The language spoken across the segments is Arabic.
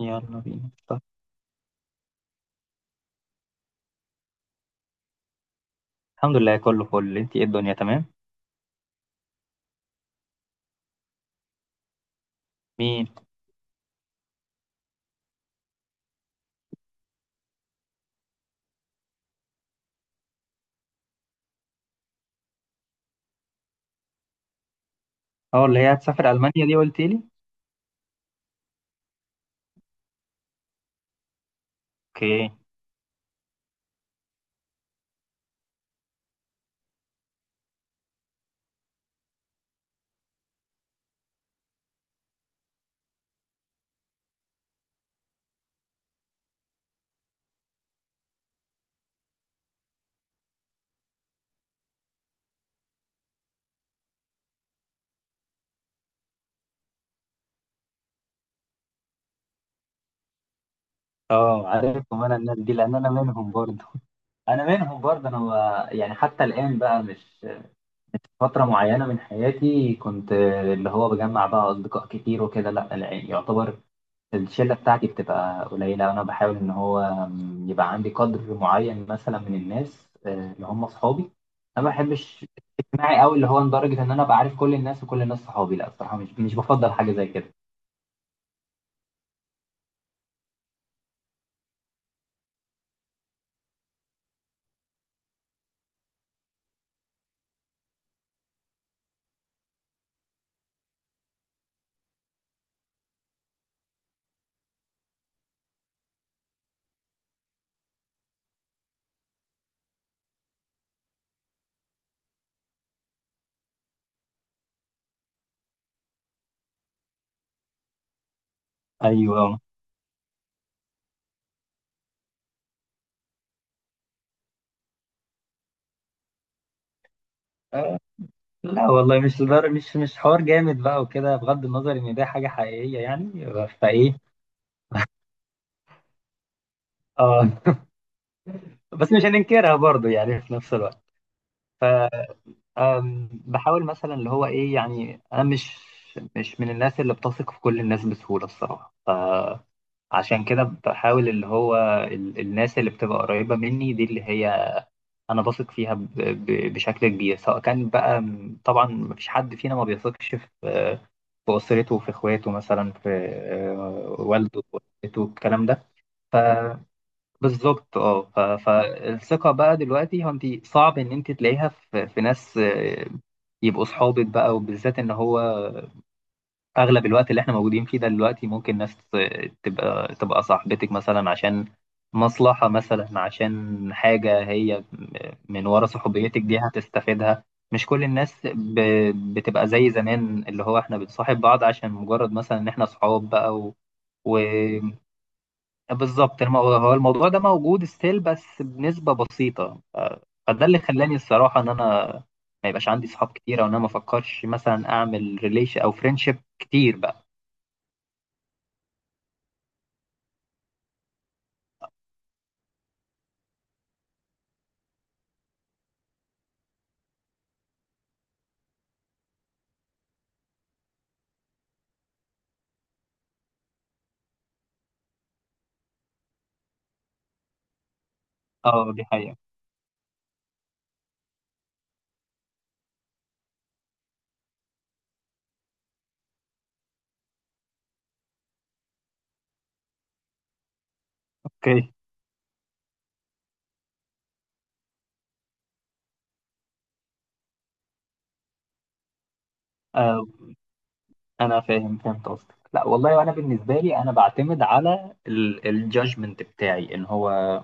يلا بينا طب. الحمد لله كله فل. انت ايه، الدنيا تمام؟ مين؟ اه، اللي هي هتسافر المانيا دي قلت لي. اوكي. اه عارفهم انا الناس دي، لان انا منهم برضه. انا منهم برضه. انا يعني حتى الان بقى مش فتره معينه من حياتي كنت اللي هو بجمع بقى اصدقاء كتير وكده. لا لا، يعني يعتبر الشله بتاعتي بتبقى قليله. انا بحاول ان هو يبقى عندي قدر معين مثلا من الناس، اللي هم اصحابي. انا ما بحبش اجتماعي قوي اللي هو لدرجه ان انا ابقى عارف كل الناس وكل الناس صحابي. لا الصراحه مش بفضل حاجه زي كده. ايوه. آه، لا والله مش حوار جامد بقى وكده، بغض النظر ان ده حاجه حقيقيه يعني. فايه؟ اه، بس مش هننكرها برضو يعني في نفس الوقت. آه، بحاول مثلا اللي هو ايه، يعني انا مش من الناس اللي بتثق في كل الناس بسهوله الصراحه. فعشان كده بحاول اللي هو الناس اللي بتبقى قريبه مني دي اللي هي انا بثق فيها بشكل كبير. سواء كان بقى طبعا مفيش حد فينا ما بيثقش في اسرته، في اخواته مثلا، في والده، والدته، الكلام ده. فبالظبط اه. فالثقه بقى دلوقتي هو انت صعب ان انت تلاقيها في ناس يبقوا صحابك بقى، وبالذات ان هو اغلب الوقت اللي احنا موجودين فيه ده دلوقتي ممكن ناس تبقى صاحبتك مثلا عشان مصلحة، مثلا عشان حاجة هي من ورا صحوبيتك دي هتستفيدها. مش كل الناس بتبقى زي زمان اللي هو احنا بنصاحب بعض عشان مجرد مثلا ان احنا صحاب بقى وبالظبط. هو الموضوع ده موجود ستيل بس بنسبة بسيطة. فده اللي خلاني الصراحة ان انا ما يبقاش عندي صحاب كتير، او ان انا ما افكرش مثلا اعمل ريليشن او فريندشيب كتير بقى. اه دي حقيقة. اوكي. آه، انا فاهم، فهمت قصدك. لا والله، وانا بالنسبة لي انا بعتمد على الجادجمنت بتاعي ان هو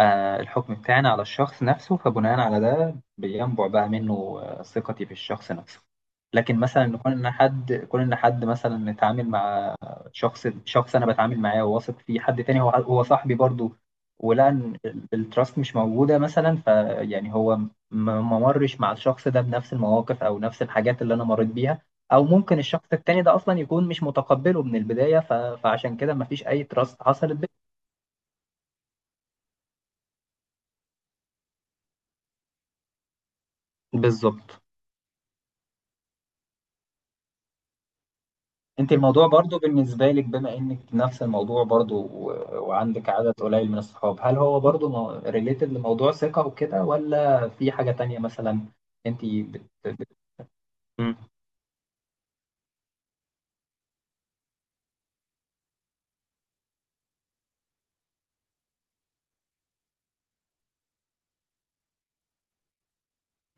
الحكم بتاعنا على الشخص نفسه، فبناء على ده بينبع بقى منه ثقتي في الشخص نفسه. لكن مثلا نكون ان حد كون ان حد مثلا نتعامل مع شخص انا بتعامل معاه وواثق فيه، حد تاني هو صاحبي برضه، ولقى ان التراست مش موجوده مثلا. فيعني ما مرش مع الشخص ده بنفس المواقف او نفس الحاجات اللي انا مريت بيها، او ممكن الشخص التاني ده اصلا يكون مش متقبله من البدايه. فعشان كده ما فيش اي تراست حصلت بينا. بالظبط. انت الموضوع برضو بالنسبة لك، بما انك نفس الموضوع برضو وعندك عدد قليل من الصحاب، هل هو برضو ريليتد لموضوع ثقة وكده، ولا في حاجة تانية مثلا؟ انت مم.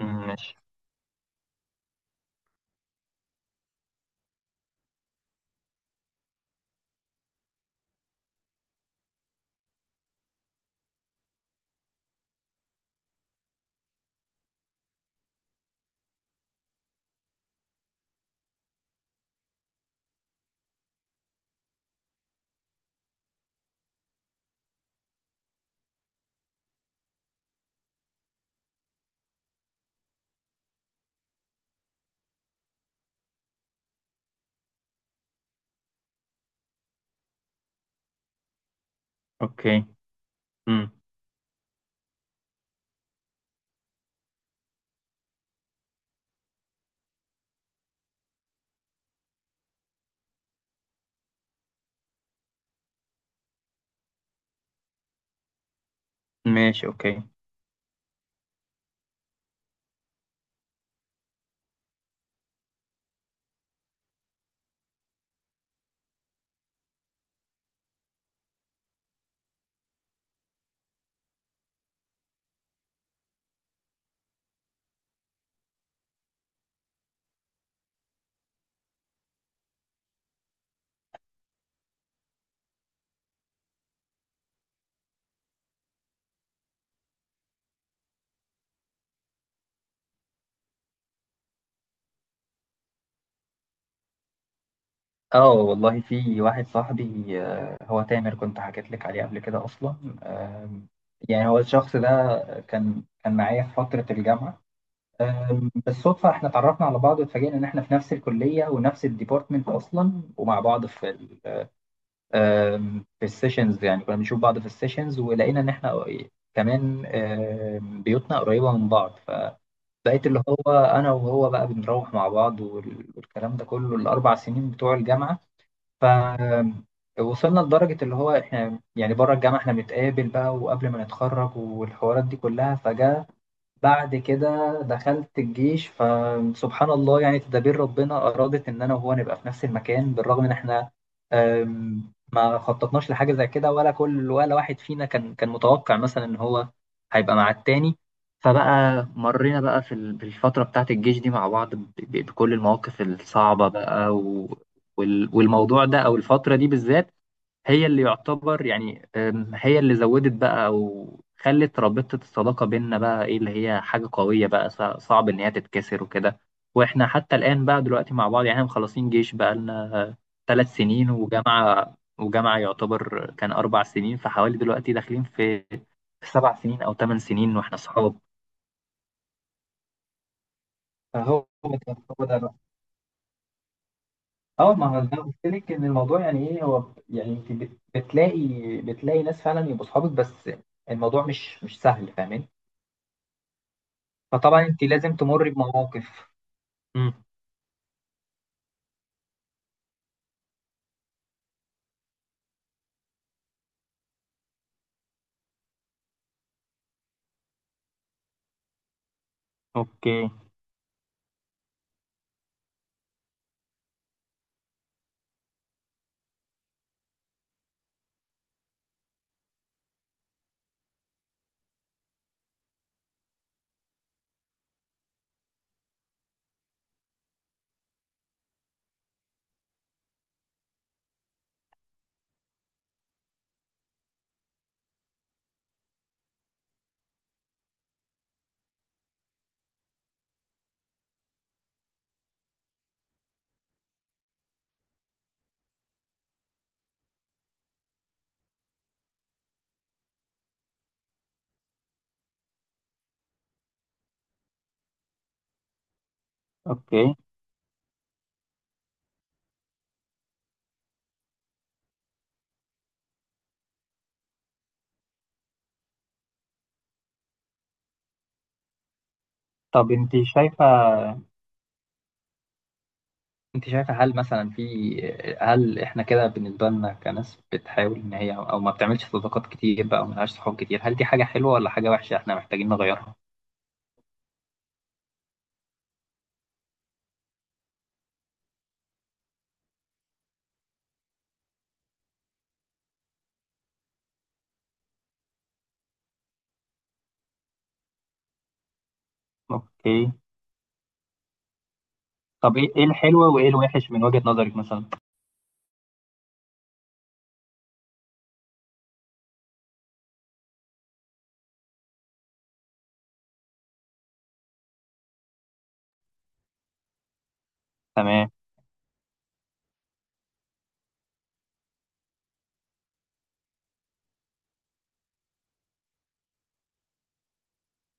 مم، ماشي. اوكي. مم، ماشي. اوكي. اه والله، في واحد صاحبي، هو تامر، كنت حكيت لك عليه قبل كده اصلا. آم، يعني هو الشخص ده كان معايا في فترة الجامعة. بالصدفة احنا اتعرفنا على بعض، واتفاجئنا ان احنا في نفس الكلية ونفس الديبارتمنت اصلا، ومع بعض في في السيشنز. يعني كنا بنشوف بعض في السيشنز، ولقينا ان احنا كمان بيوتنا قريبة من بعض، فبقيت اللي هو انا وهو بقى بنروح مع بعض والكلام ده كله ال4 سنين بتوع الجامعة. ف وصلنا لدرجة اللي هو احنا يعني بره الجامعة احنا بنتقابل بقى، وقبل ما نتخرج والحوارات دي كلها. فجأة بعد كده دخلت الجيش، فسبحان الله يعني تدابير ربنا أرادت إن أنا وهو نبقى في نفس المكان، بالرغم إن إحنا ما خططناش لحاجة زي كده، ولا كل ولا واحد فينا كان متوقع مثلا إن هو هيبقى مع التاني. فبقى مرينا بقى في في الفترة بتاعة الجيش دي مع بعض بكل المواقف الصعبة بقى والموضوع ده، أو الفترة دي بالذات، هي اللي يعتبر يعني هي اللي زودت بقى، او خلت رابطة الصداقة بيننا بقى ايه اللي هي حاجة قوية بقى، صعب ان هي تتكسر وكده. واحنا حتى الآن بقى دلوقتي مع بعض، يعني احنا مخلصين جيش بقى لنا 3 سنين، وجامعة، وجامعة يعتبر كان 4 سنين، فحوالي دلوقتي داخلين في في 7 سنين أو 8 سنين واحنا صحاب. فهو اه، ما هو زي ما قلت لك ان الموضوع يعني ايه هو، يعني انت بتلاقي ناس فعلا يبقوا اصحابك، بس الموضوع مش سهل فاهمين. فطبعا انت لازم تمر بمواقف. امم. اوكي. اوكي. طب انت انت شايفه هل مثلا هل احنا كده بالنسبه لنا كناس بتحاول ان هي او ما بتعملش صداقات كتير بقى، وما لهاش صحاب كتير، هل دي حاجه حلوه ولا حاجه وحشه احنا محتاجين نغيرها؟ اوكي. طب ايه إيه الحلوه وايه الوحش من وجهه نظرك مثلا؟ تمام.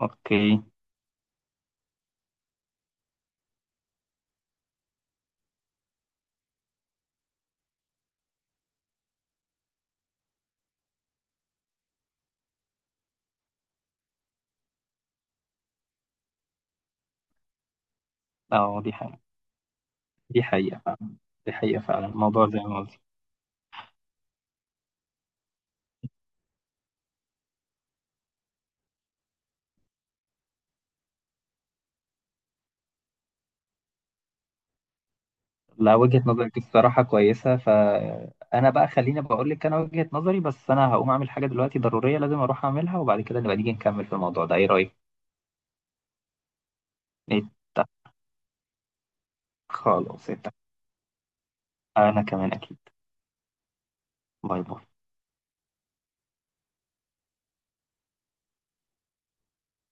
اوكي. اه دي حاجه، دي حقيقة فعلا. دي حقيقة فعلا الموضوع زي ما قلت. لا وجهة نظرك الصراحة كويسة، فأنا بقى خليني بقول لك أنا وجهة نظري، بس أنا هقوم أعمل حاجة دلوقتي ضرورية لازم أروح أعملها، وبعد كده نبقى نيجي نكمل في الموضوع ده. إيه رأيك؟ إيه؟ طيب. خلاص. إيه؟ طيب. أنا كمان أكيد. باي باي.